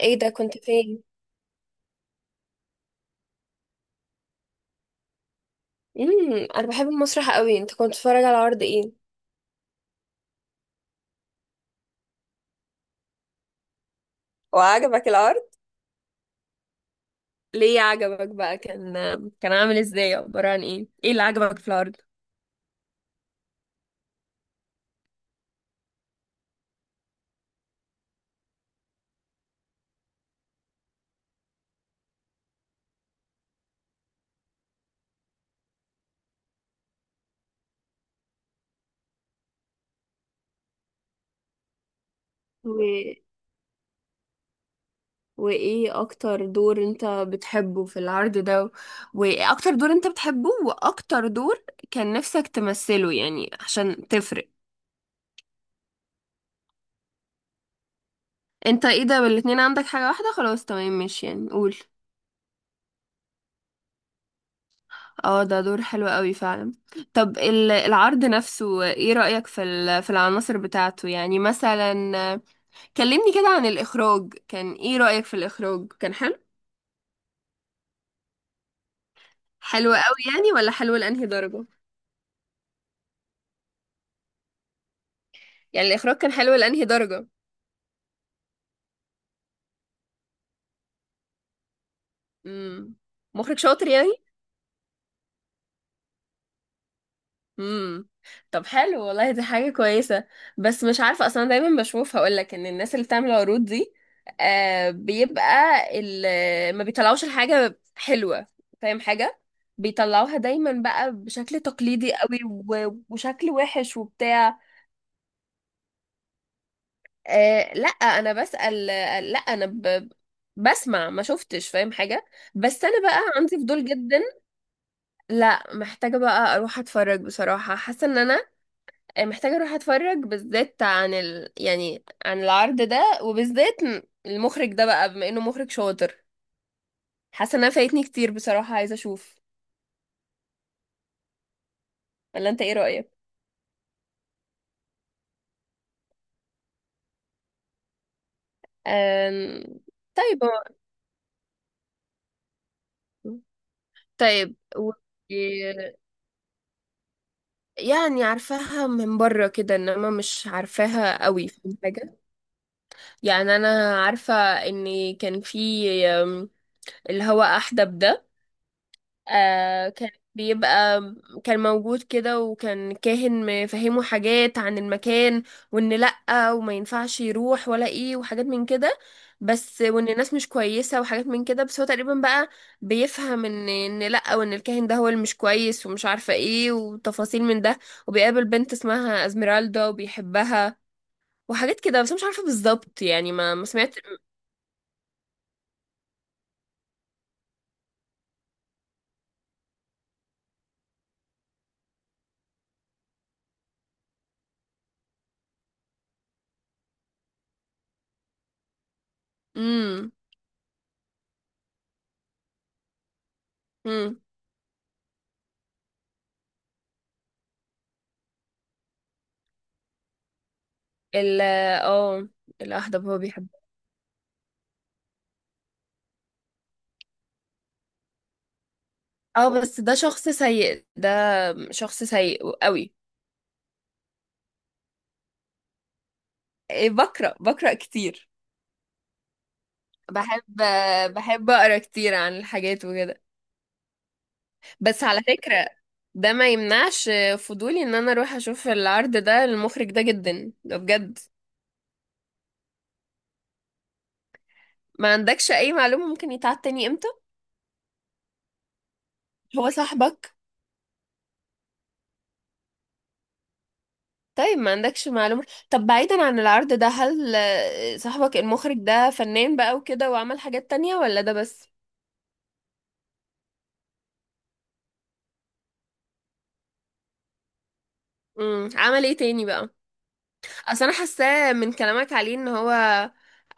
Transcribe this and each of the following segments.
ايه ده؟ كنت فين؟ انا بحب المسرح قوي. انت كنت بتتفرج على عرض ايه؟ وعجبك العرض؟ ليه عجبك بقى؟ كان عامل ازاي؟ عبارة عن ايه؟ ايه اللي عجبك في العرض؟ و... وايه اكتر دور انت بتحبه في العرض ده وايه اكتر دور انت بتحبه؟ واكتر دور كان نفسك تمثله يعني عشان تفرق. انت ايه ده، الاتنين عندك حاجة واحدة؟ خلاص، تمام، ماشي، يعني قول. اه، ده دور حلو قوي فعلا. طب العرض نفسه، ايه رأيك في في العناصر بتاعته؟ يعني مثلا كلمني كده عن الإخراج، كان ايه رأيك في الإخراج؟ كان حلو؟ حلو قوي يعني ولا حلو لأنهي درجة؟ يعني الإخراج كان حلو لأنهي درجة؟ امم مخرج شاطر يعني؟ امم. طب حلو والله، دي حاجة كويسة. بس مش عارفة، اصلا دايما بشوف، هقولك ان الناس اللي بتعمل عروض دي آه بيبقى ما بيطلعوش الحاجة حلوة، فاهم حاجة؟ بيطلعوها دايما بقى بشكل تقليدي قوي وشكل وحش وبتاع. آه، لا انا بسأل، آه، لا انا بسمع، ما شفتش، فاهم حاجة؟ بس انا بقى عندي فضول جدا. لا، محتاجة بقى اروح اتفرج بصراحة، حاسة ان انا محتاجة اروح اتفرج، بالذات عن يعني عن العرض ده، وبالذات المخرج ده بقى بما انه مخرج شاطر. حاسة انها فايتني كتير بصراحة، عايزة اشوف. ولا انت ايه رأيك؟ أم... طيب طيب يعني عارفاها من بره كده، انما مش عارفاها قوي، فاهم حاجة؟ يعني انا عارفة ان كان في، أم، اللي هو احدب ده، آه، بيبقى كان موجود كده، وكان كاهن مفهمه حاجات عن المكان، وان لأ وما ينفعش يروح، ولا ايه، وحاجات من كده، بس وان الناس مش كويسة، وحاجات من كده بس. هو تقريبا بقى بيفهم ان لأ، وان الكاهن ده هو اللي مش كويس، ومش عارفة ايه، وتفاصيل من ده. وبيقابل بنت اسمها ازميرالدا وبيحبها، وحاجات كده. بس أنا مش عارفة بالظبط يعني، ما ما سمعت. امم. امم. ال اه الاحدب هو بيحبها. اه، بس ده شخص سيء ده، شخص سيء قوي. إيه، بقرا بقرا كتير. بحب، بحب اقرا كتير عن الحاجات وكده. بس على فكرة ده ما يمنعش فضولي ان انا اروح اشوف العرض ده، المخرج ده جدا ده بجد. ما عندكش اي معلومة ممكن يتعاد تاني امتى؟ هو صاحبك؟ طيب ما عندكش معلومة؟ طب بعيدا عن العرض ده، هل صاحبك المخرج ده فنان بقى وكده وعمل حاجات تانية ولا ده بس؟ عمل ايه تاني بقى؟ اصل انا حاساه من كلامك عليه ان هو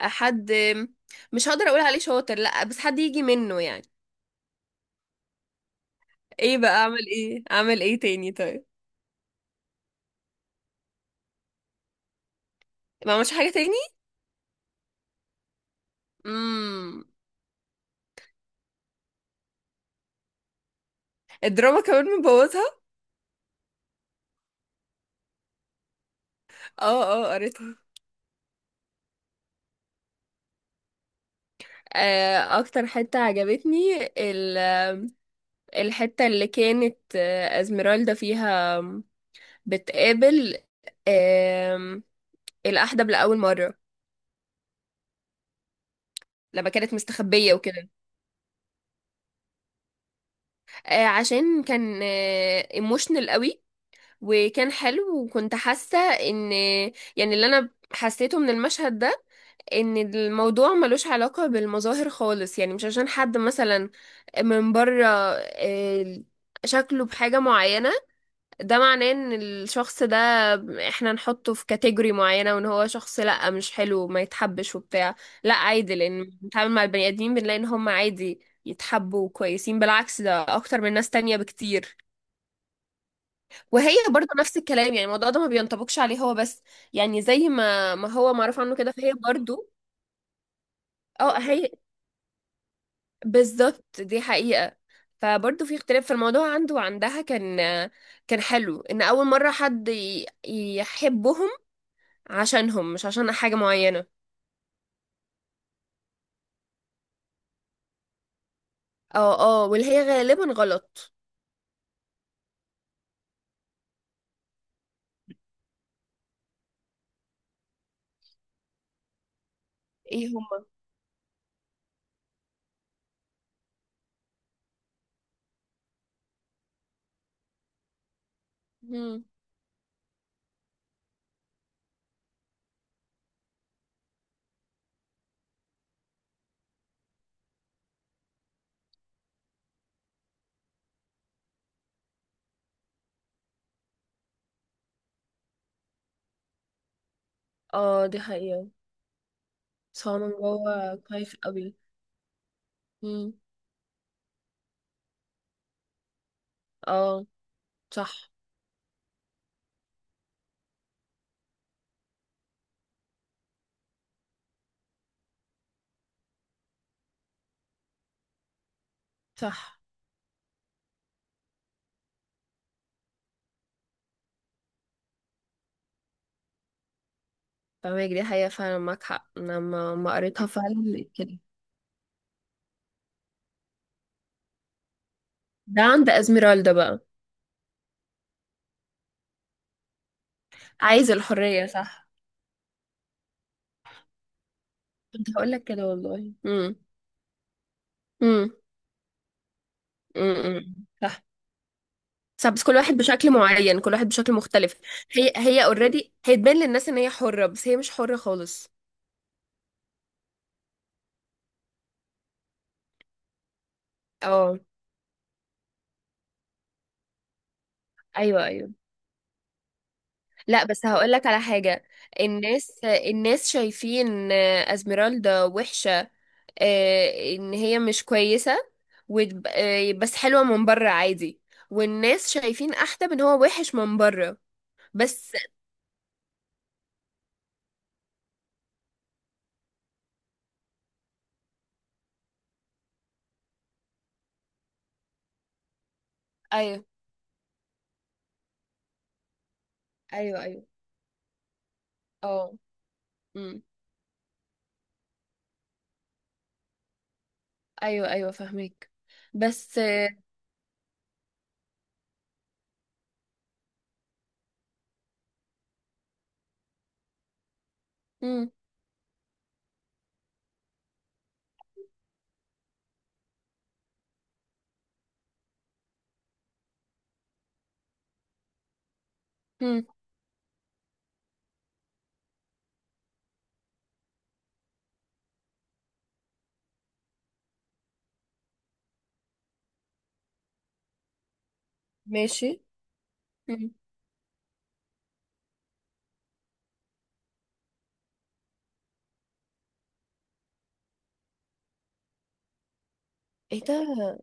حد، مش هقدر اقول عليه شاطر لا، بس حد يجي منه يعني. ايه بقى، اعمل ايه، اعمل ايه تاني طيب؟ ما عملش حاجه تاني؟ امم. الدراما كمان مبوظها؟ اه، اه قريتها. آه، اكتر حته عجبتني الحته اللي كانت ازميرالدا فيها بتقابل آم، الأحدب لأول مرة، لما كانت مستخبية وكده. آه، عشان كان ايموشنال قوي، وكان حلو، وكنت حاسة ان يعني اللي انا حسيته من المشهد ده، ان الموضوع ملوش علاقة بالمظاهر خالص. يعني مش عشان حد مثلا من بره شكله بحاجة معينة، ده معناه ان الشخص ده احنا نحطه في كاتيجوري معينة، وان هو شخص لا مش حلو، ما يتحبش وبتاع. لا، عادي، لان بنتعامل مع البني ادمين، بنلاقي ان هم عادي يتحبوا كويسين، بالعكس، ده اكتر من ناس تانية بكتير. وهي برضه نفس الكلام، يعني الموضوع ده ما بينطبقش عليه هو بس، يعني زي ما ما هو معروف عنه كده، فهي برضه. اه، هي بالظبط، دي حقيقة. فبرضه في اختلاف في الموضوع عنده وعندها. كان حلو ان اول مرة حد يحبهم عشانهم، مش عشان حاجة معينة. اه، اه واللي هي غالبا غلط. ايه هما؟ مم. اه، دي حقيقة. بس هو من جوه خايف قوي. مم. اه. صح. صح، فاهمك، دي حقيقة فعلا، معاك حق، انا ما ما قريتها فعلا، لقيت كده. ده عند ازميرالدا بقى. عايز الحرية، صح. كنت هقول لك كده والله. امم. امم. امم. صح. صح، بس كل واحد بشكل معين، كل واحد بشكل مختلف. هي هي اوريدي، هي تبان للناس ان هي حرة بس هي مش حرة خالص. اه، ايوه، ايوه. لا، بس هقول لك على حاجة. الناس، الناس شايفين ازميرالدا وحشة، ان هي مش كويسة، آه، بس حلوة من بره عادي. والناس شايفين احدب ان هو وحش من بره، بس. ايوه، ايوه، ايوه، اه. امم ايوه، ايوه، فاهمك. بس امم. امم. ماشي. امم. ايه ده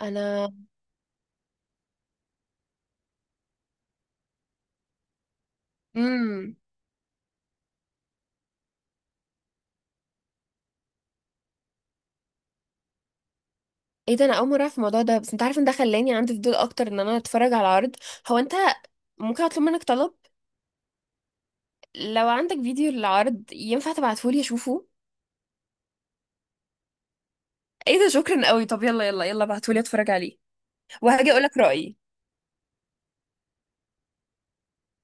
انا امم ايه ده انا اول مرة اعرف الموضوع ده، بس انت عارف ان ده خلاني عندي فضول اكتر ان انا اتفرج على عرض. هو انت ممكن اطلب منك طلب؟ لو عندك فيديو للعرض ينفع تبعتهولي اشوفه؟ ايه ده، شكرا قوي. طب يلا يلا يلا ابعتولي اتفرج عليه. وهاجي اقولك رأيي.